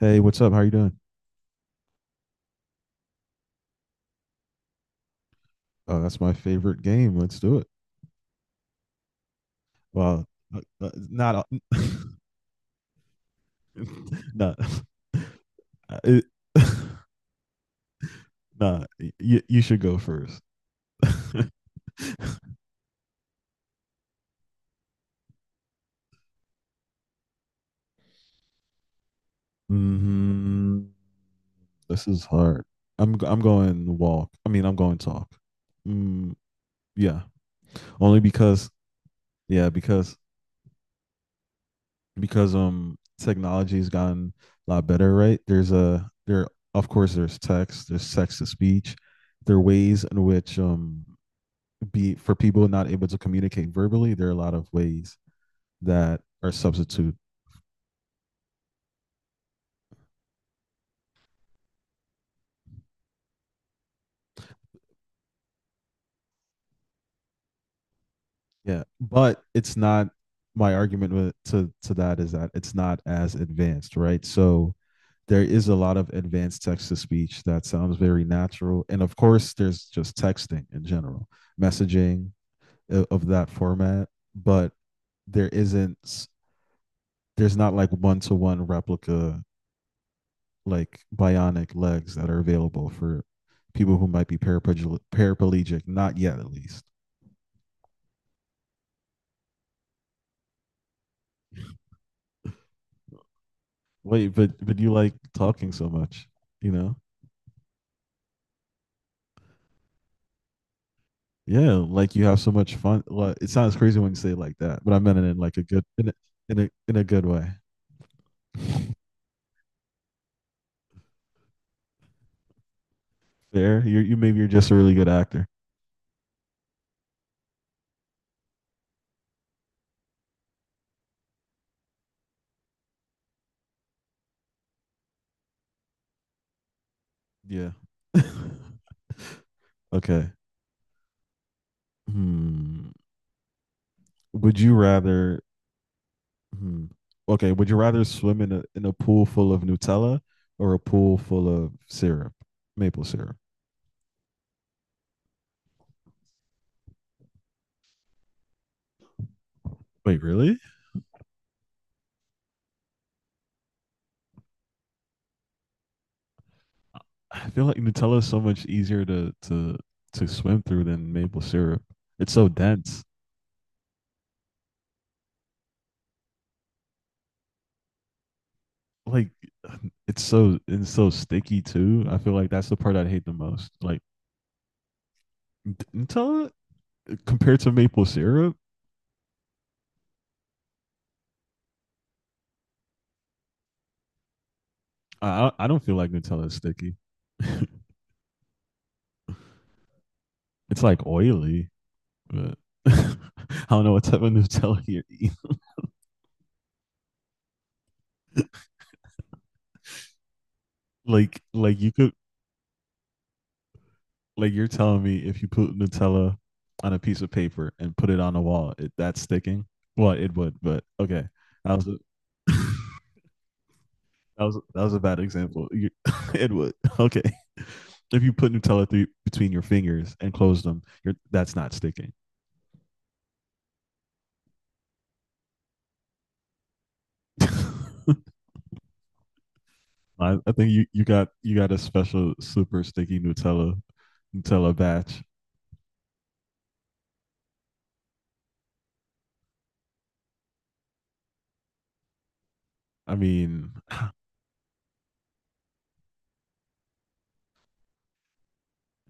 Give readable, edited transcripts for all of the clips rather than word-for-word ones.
Hey, what's up? How you doing? Oh, that's my favorite game. Let's do it. Well, not a- no, Uh, it, nah. You should go first. hmm This is hard. I'm going walk. I mean, I'm going talk. Mm, yeah, only because because technology has gotten a lot better, right? There's a there of course there's there's text to speech. There are ways in which be for people not able to communicate verbally, there are a lot of ways that are substitute. Yeah. But it's not my argument with, to that is that it's not as advanced, right? So there is a lot of advanced text to speech that sounds very natural. And of course, there's just texting in general, messaging, of that format, but there isn't there's not like one to one replica, like bionic legs that are available for people who might be paraplegic, not yet at least. Wait, but you like talking so much, you know? Yeah, like you have so much fun. Like, it sounds crazy when you say it like that, but I meant it in like a good in a in a, in a good way. Fair. You, maybe you're just a really good actor. Yeah. okay. Hmm. Would you rather? Hmm. Okay. Would you rather swim in a pool full of Nutella or a pool full of syrup, maple syrup? Wait, really? I feel like Nutella is so much easier to swim through than maple syrup. It's so dense. Like it's so sticky too. I feel like that's the part I hate the most. Like Nutella compared to maple syrup, I don't feel like Nutella is sticky. it's like oily. Uh, I don't know what type of Nutella you're eating. Like, like you could, like you're telling me if you put Nutella on a piece of paper and put it on a wall, it, that's sticking. Well, it would, but okay. That was a, that was a bad example. You, it would. Okay. If you put Nutella through, between your fingers and close them, you're, that's not sticking. I think you got a special super sticky Nutella batch. I mean,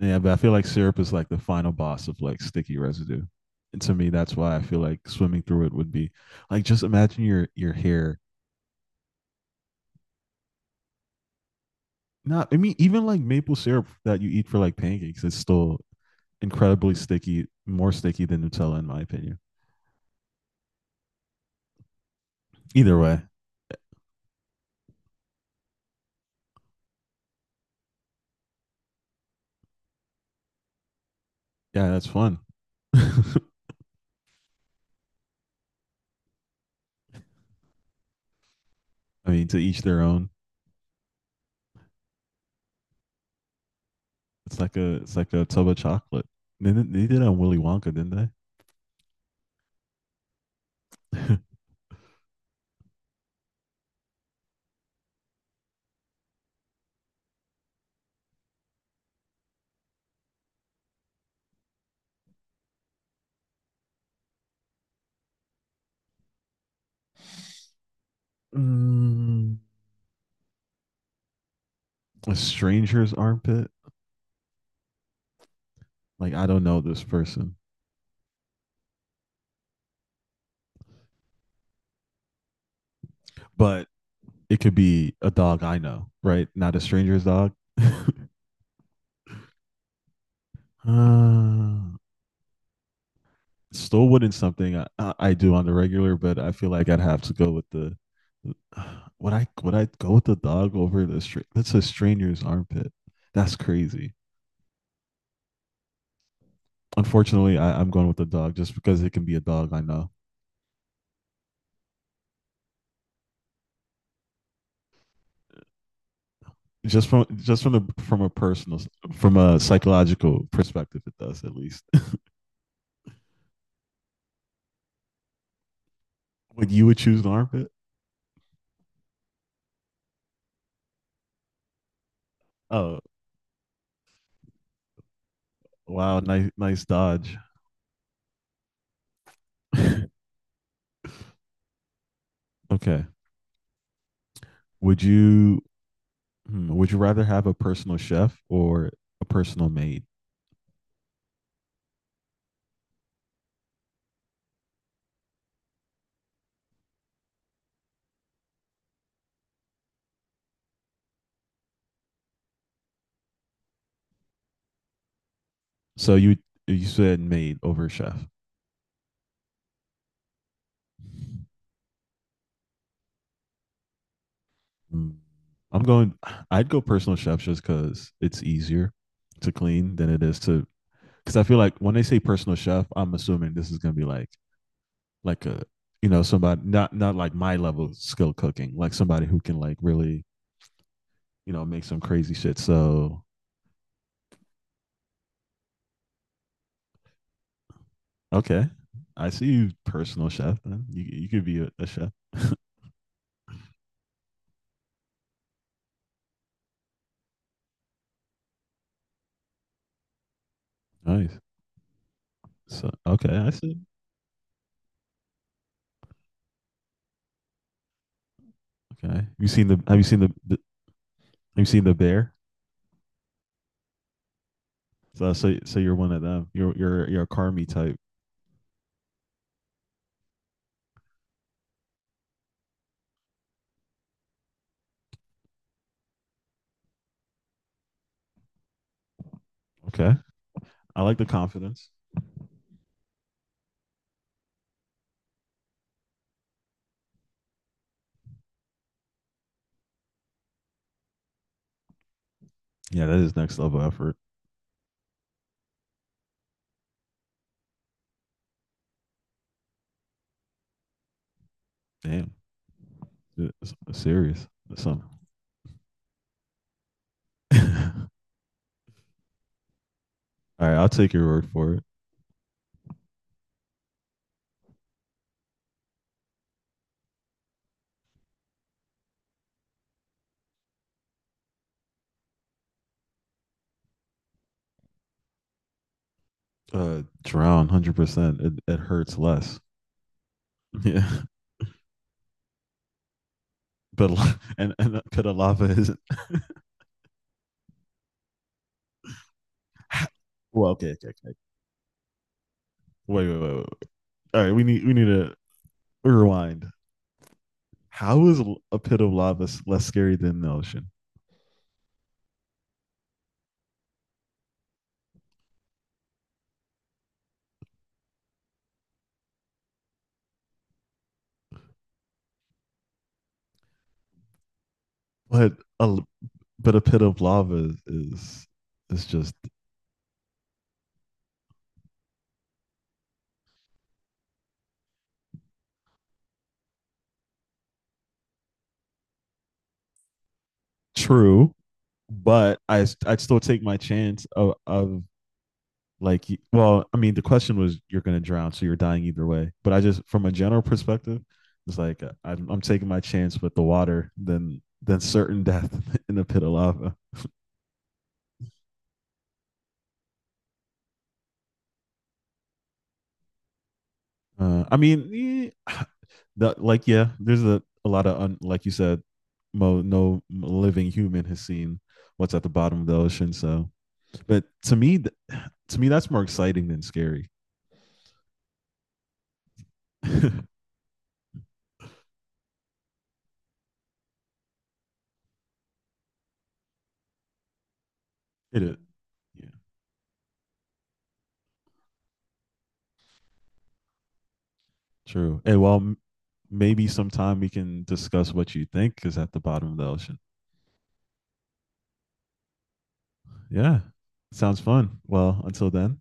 yeah, but I feel like syrup is like the final boss of like sticky residue. And to me, that's why I feel like swimming through it would be like just imagine your hair. Not I mean, even like maple syrup that you eat for like pancakes, it's still incredibly sticky, more sticky than Nutella in my opinion. Either way, yeah, that's fun. I mean, to each their own. It's like a tub of chocolate. They did it on Willy Wonka, didn't they? Mm, a stranger's armpit. Like I don't know this person, but it could be a dog I know, right? Not a stranger's dog. Uh, Still wouldn't something I do on the regular, but I feel like I'd have to go with the. Would I go with the dog over the str? That's a stranger's armpit? That's crazy. Unfortunately, I'm going with the dog just because it can be a dog I know. Just from the from a personal, from a psychological perspective, it does at least. Would you would choose an armpit? Oh wow, nice dodge. okay, Would you would you rather have a personal chef or a personal maid? So you said maid over chef. Mm, I'm going. I'd go personal chef just because it's easier to clean than it is to. Because I feel like when they say personal chef, I'm assuming this is gonna be like a you know somebody not like my level of skill cooking, like somebody who can like really, you know, make some crazy shit. So okay, I see you, personal chef. Then. You could be a chef. Nice. So okay, I see. Okay, you seen the have you seen the bear? So you're one of them. You're a Carmi type. Okay, I like the confidence. Yeah, that is next level effort. Damn, it's serious. That's something. All right, I'll take your word for it. Drown, 100%. It it hurts less. Yeah, but and Pita lava isn't. Well, okay, okay, okay. Wait, wait, wait, wait. All right, we need to rewind. How is a pit of lava less scary than the ocean? But a but a pit of lava is just true. But I s- I'd still take my chance of like, well I mean the question was you're gonna drown so you're dying either way, but I just from a general perspective it's like I'm taking my chance with the water than certain death in a pit of lava, uh, I mean eh, the, like yeah there's a lot of like you said no living human has seen what's at the bottom of the ocean, so but to me that's more exciting than scary. it is yeah. True. And well, maybe sometime we can discuss what you think is at the bottom of the ocean. Yeah. Sounds fun. Well, until then.